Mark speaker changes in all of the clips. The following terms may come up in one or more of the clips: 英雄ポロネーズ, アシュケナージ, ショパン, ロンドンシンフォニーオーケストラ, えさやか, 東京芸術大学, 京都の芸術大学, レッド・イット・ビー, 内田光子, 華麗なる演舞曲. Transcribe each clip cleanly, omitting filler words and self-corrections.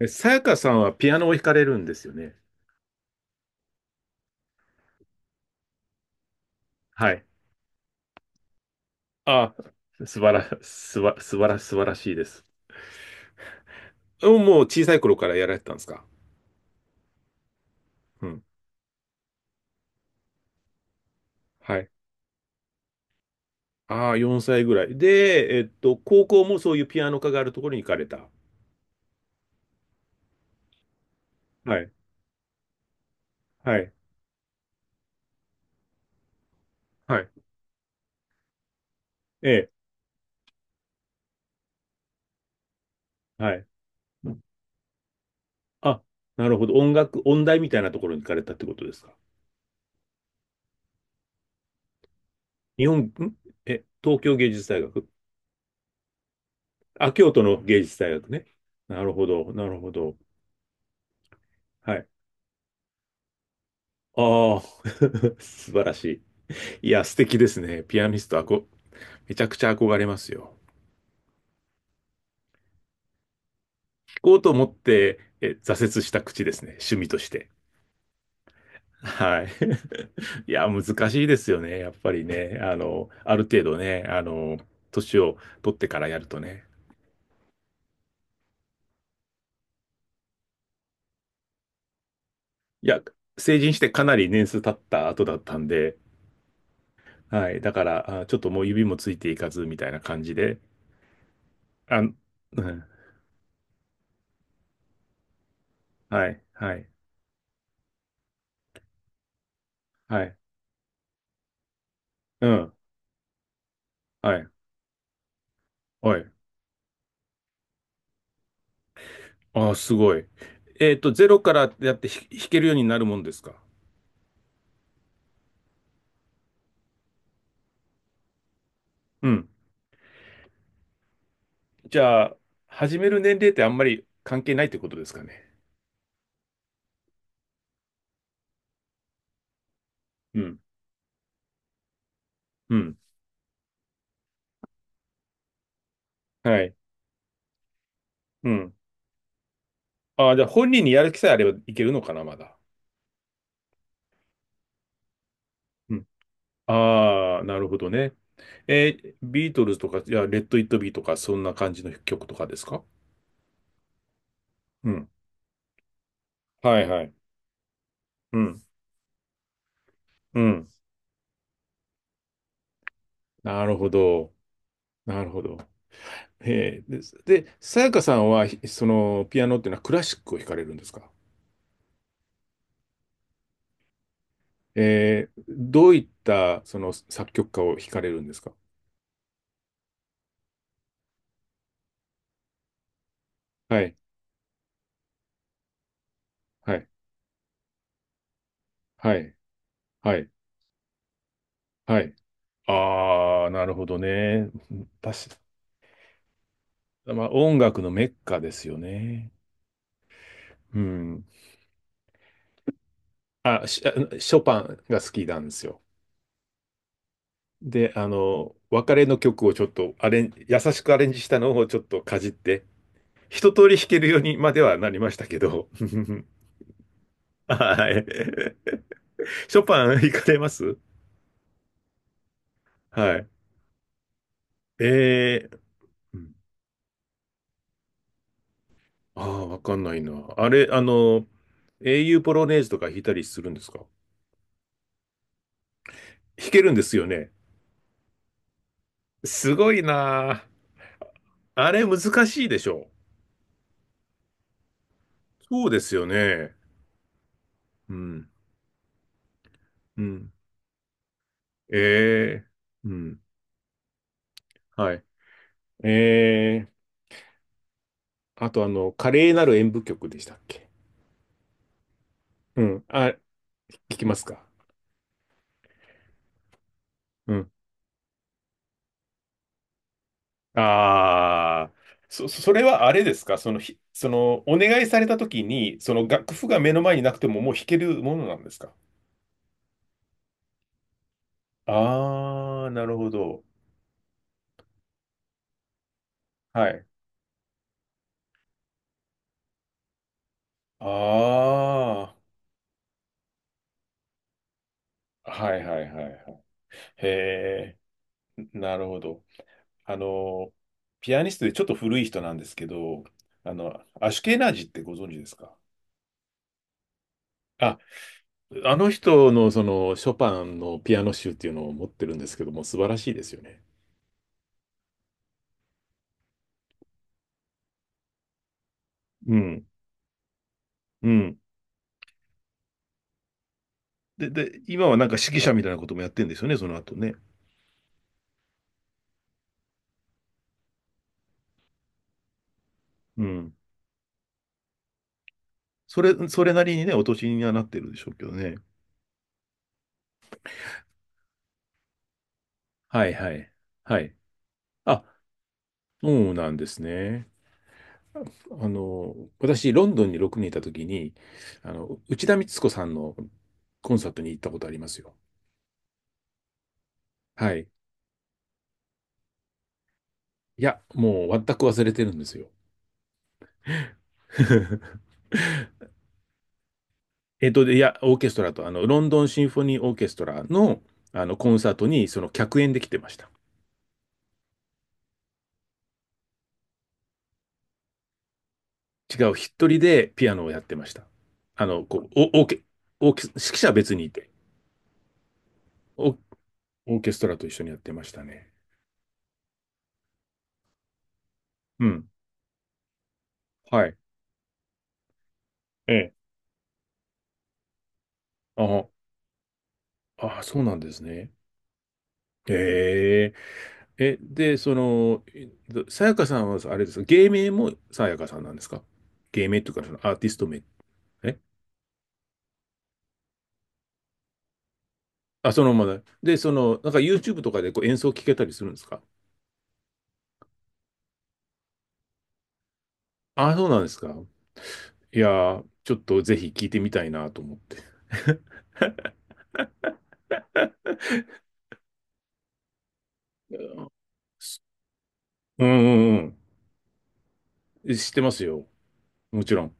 Speaker 1: さやかさんはピアノを弾かれるんですよね。はい。あ、素晴らしいです。もう小さい頃からやられてたんですか？うん。はい。ああ、4歳ぐらい。で、高校もそういうピアノ科があるところに行かれた。はい。はい。はい。ええ。はい。あ、なるほど。音楽、音大みたいなところに行かれたってことですか？日本、東京芸術大学？あ、京都の芸術大学ね。なるほど。なるほど。はい。ああ、素晴らしい。いや、素敵ですね。ピアニスト、めちゃくちゃ憧れますよ。弾こうと思って、挫折した口ですね。趣味として。はい。いや、難しいですよね。やっぱりね。あの、ある程度ね、あの、年を取ってからやるとね。いや、成人してかなり年数経った後だったんで、はい。だから、あ、ちょっともう指もついていかず、みたいな感じで。あ、うん。はい。はい。はい。うん。はい。はい。ああ、すごい。えっと、ゼロからやって弾けるようになるもんですか。うん。じゃあ、始める年齢ってあんまり関係ないってことですかね。うん。うん。はい。うん。ああ、じゃあ本人にやる気さえあればいけるのかな、まだ。うん。ああ、なるほどね。ビートルズとか、いや、レッド・イット・ビーとか、そんな感じの曲とかですか？うん。はいはい。うん。うん。なるほど。なるほど。へえ。で、さやかさんは、その、ピアノっていうのはクラシックを弾かれるんですか？どういったその作曲家を惹かれるんですか？はい、はい、はい、はい、はい。ああ、なるほどね。確か、まあ、音楽のメッカですよね。うん。あ、ショパンが好きなんですよ。で、あの、別れの曲をちょっとアレン、優しくアレンジしたのをちょっとかじって、一通り弾けるようにまではなりましたけど。はい。ショパン行かれます？はい。えー、うん、ああ、わかんないな。あれ、あの、英雄ポロネーズとか弾いたりするんですか？弾けるんですよね。すごいなあ。あれ難しいでしょ。そうですよね。うん。うん。ええ、うん。はい。ええ、あと、あの、華麗なる演舞曲でしたっけ？うん。あ、聞きますか？うん。ああ、それはあれですか？その、お願いされた時に、その楽譜が目の前になくてももう弾けるものなんですか？ああ、なるほど。はい。ああ、はいはいはいはい。へえ、なるほど。あの、ピアニストでちょっと古い人なんですけど、あの、アシュケナージってご存知ですか？あ、あの人のそのショパンのピアノ集っていうのを持ってるんですけども、素晴らしいですよね。うん、うん。で、今はなんか指揮者みたいなこともやってるんですよね、その後ね。うん。それ、それなりにね、お年にはなってるでしょうけどね。はいはい。はい。あ、そうなんですね。あの、私、ロンドンに6年いたときに、あの、内田光子さんのコンサートに行ったことありますよ。はい。いや、もう全く忘れてるんですよ。えっと、で、いや、オーケストラと、あの、ロンドンシンフォニーオーケストラの、あの、コンサートに、その、客演で来てました。違う、一人でピアノをやってました。あの、こう、おオーケ、オーケ、指揮者は別にいて、オ、オーケストラと一緒にやってましたね。うん。はい。ええ。あ、あ、そうなんですね。ええ、で、その、さやかさんは、あれですか、芸名もさやかさんなんですか？芸名っていうか、そのアーティスト名。えあ、そのままだ。で、その、なんか YouTube とかでこう演奏聞けたりするんですか？あ、そうなんですか。いやー、ちょっとぜひ聞いてみたいなと思って。すうんうんうん。知ってますよ。もちろん。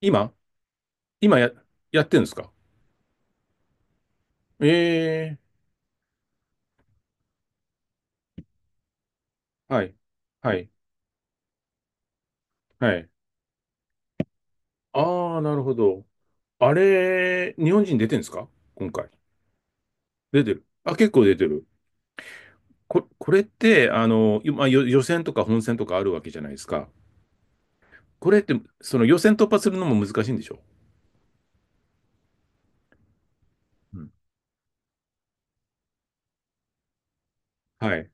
Speaker 1: 今？今や、やってるんですか？ええ、はい。はい。はい。ああ、なるほど。あれ、日本人出てるんですか、今回？出てる。あ、結構出てる。これって、あの、まあ、予選とか本戦とかあるわけじゃないですか。これって、その予選突破するのも難しいんでしょ？うん。はい。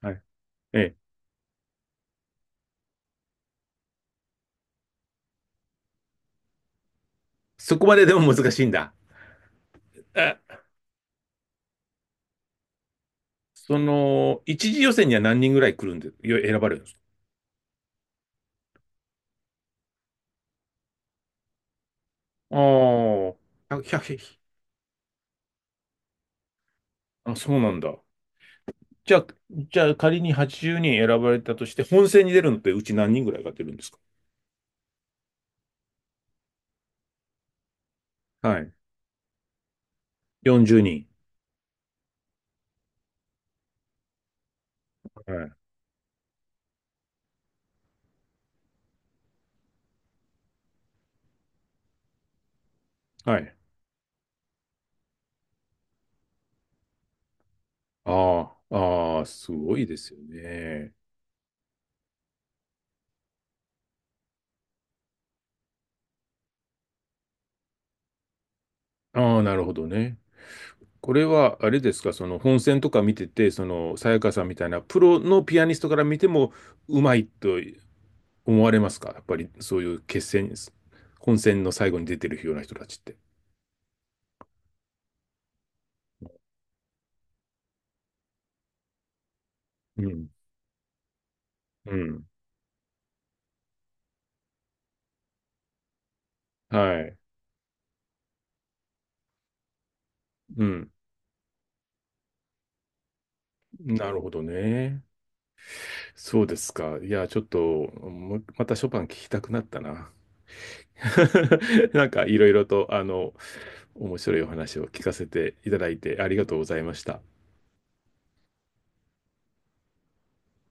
Speaker 1: はい。ええ。そこまででも難しいんだ。あ、その、一次予選には何人ぐらい来るんで、選ばれるんですか？ああー、100、ひゃくあ、そうなんだ。じゃあ、じゃあ、仮に80人選ばれたとして、本戦に出るのってうち何人ぐらいが出るんですか？はい。40人。はい。はい。ああ、ああ、すごいですよね。ああ、なるほどね。これは、あれですか、その本戦とか見てて、その、さやかさんみたいなプロのピアニストから見ても、うまいと思われますか？やっぱり、そういう決戦、本戦の最後に出てるような人たちって。うん。うん。はい。うん。なるほどね。そうですか。いや、ちょっと、またショパン聞きたくなったな。なんか、いろいろと、あの、面白いお話を聞かせていただいてありがとうございました。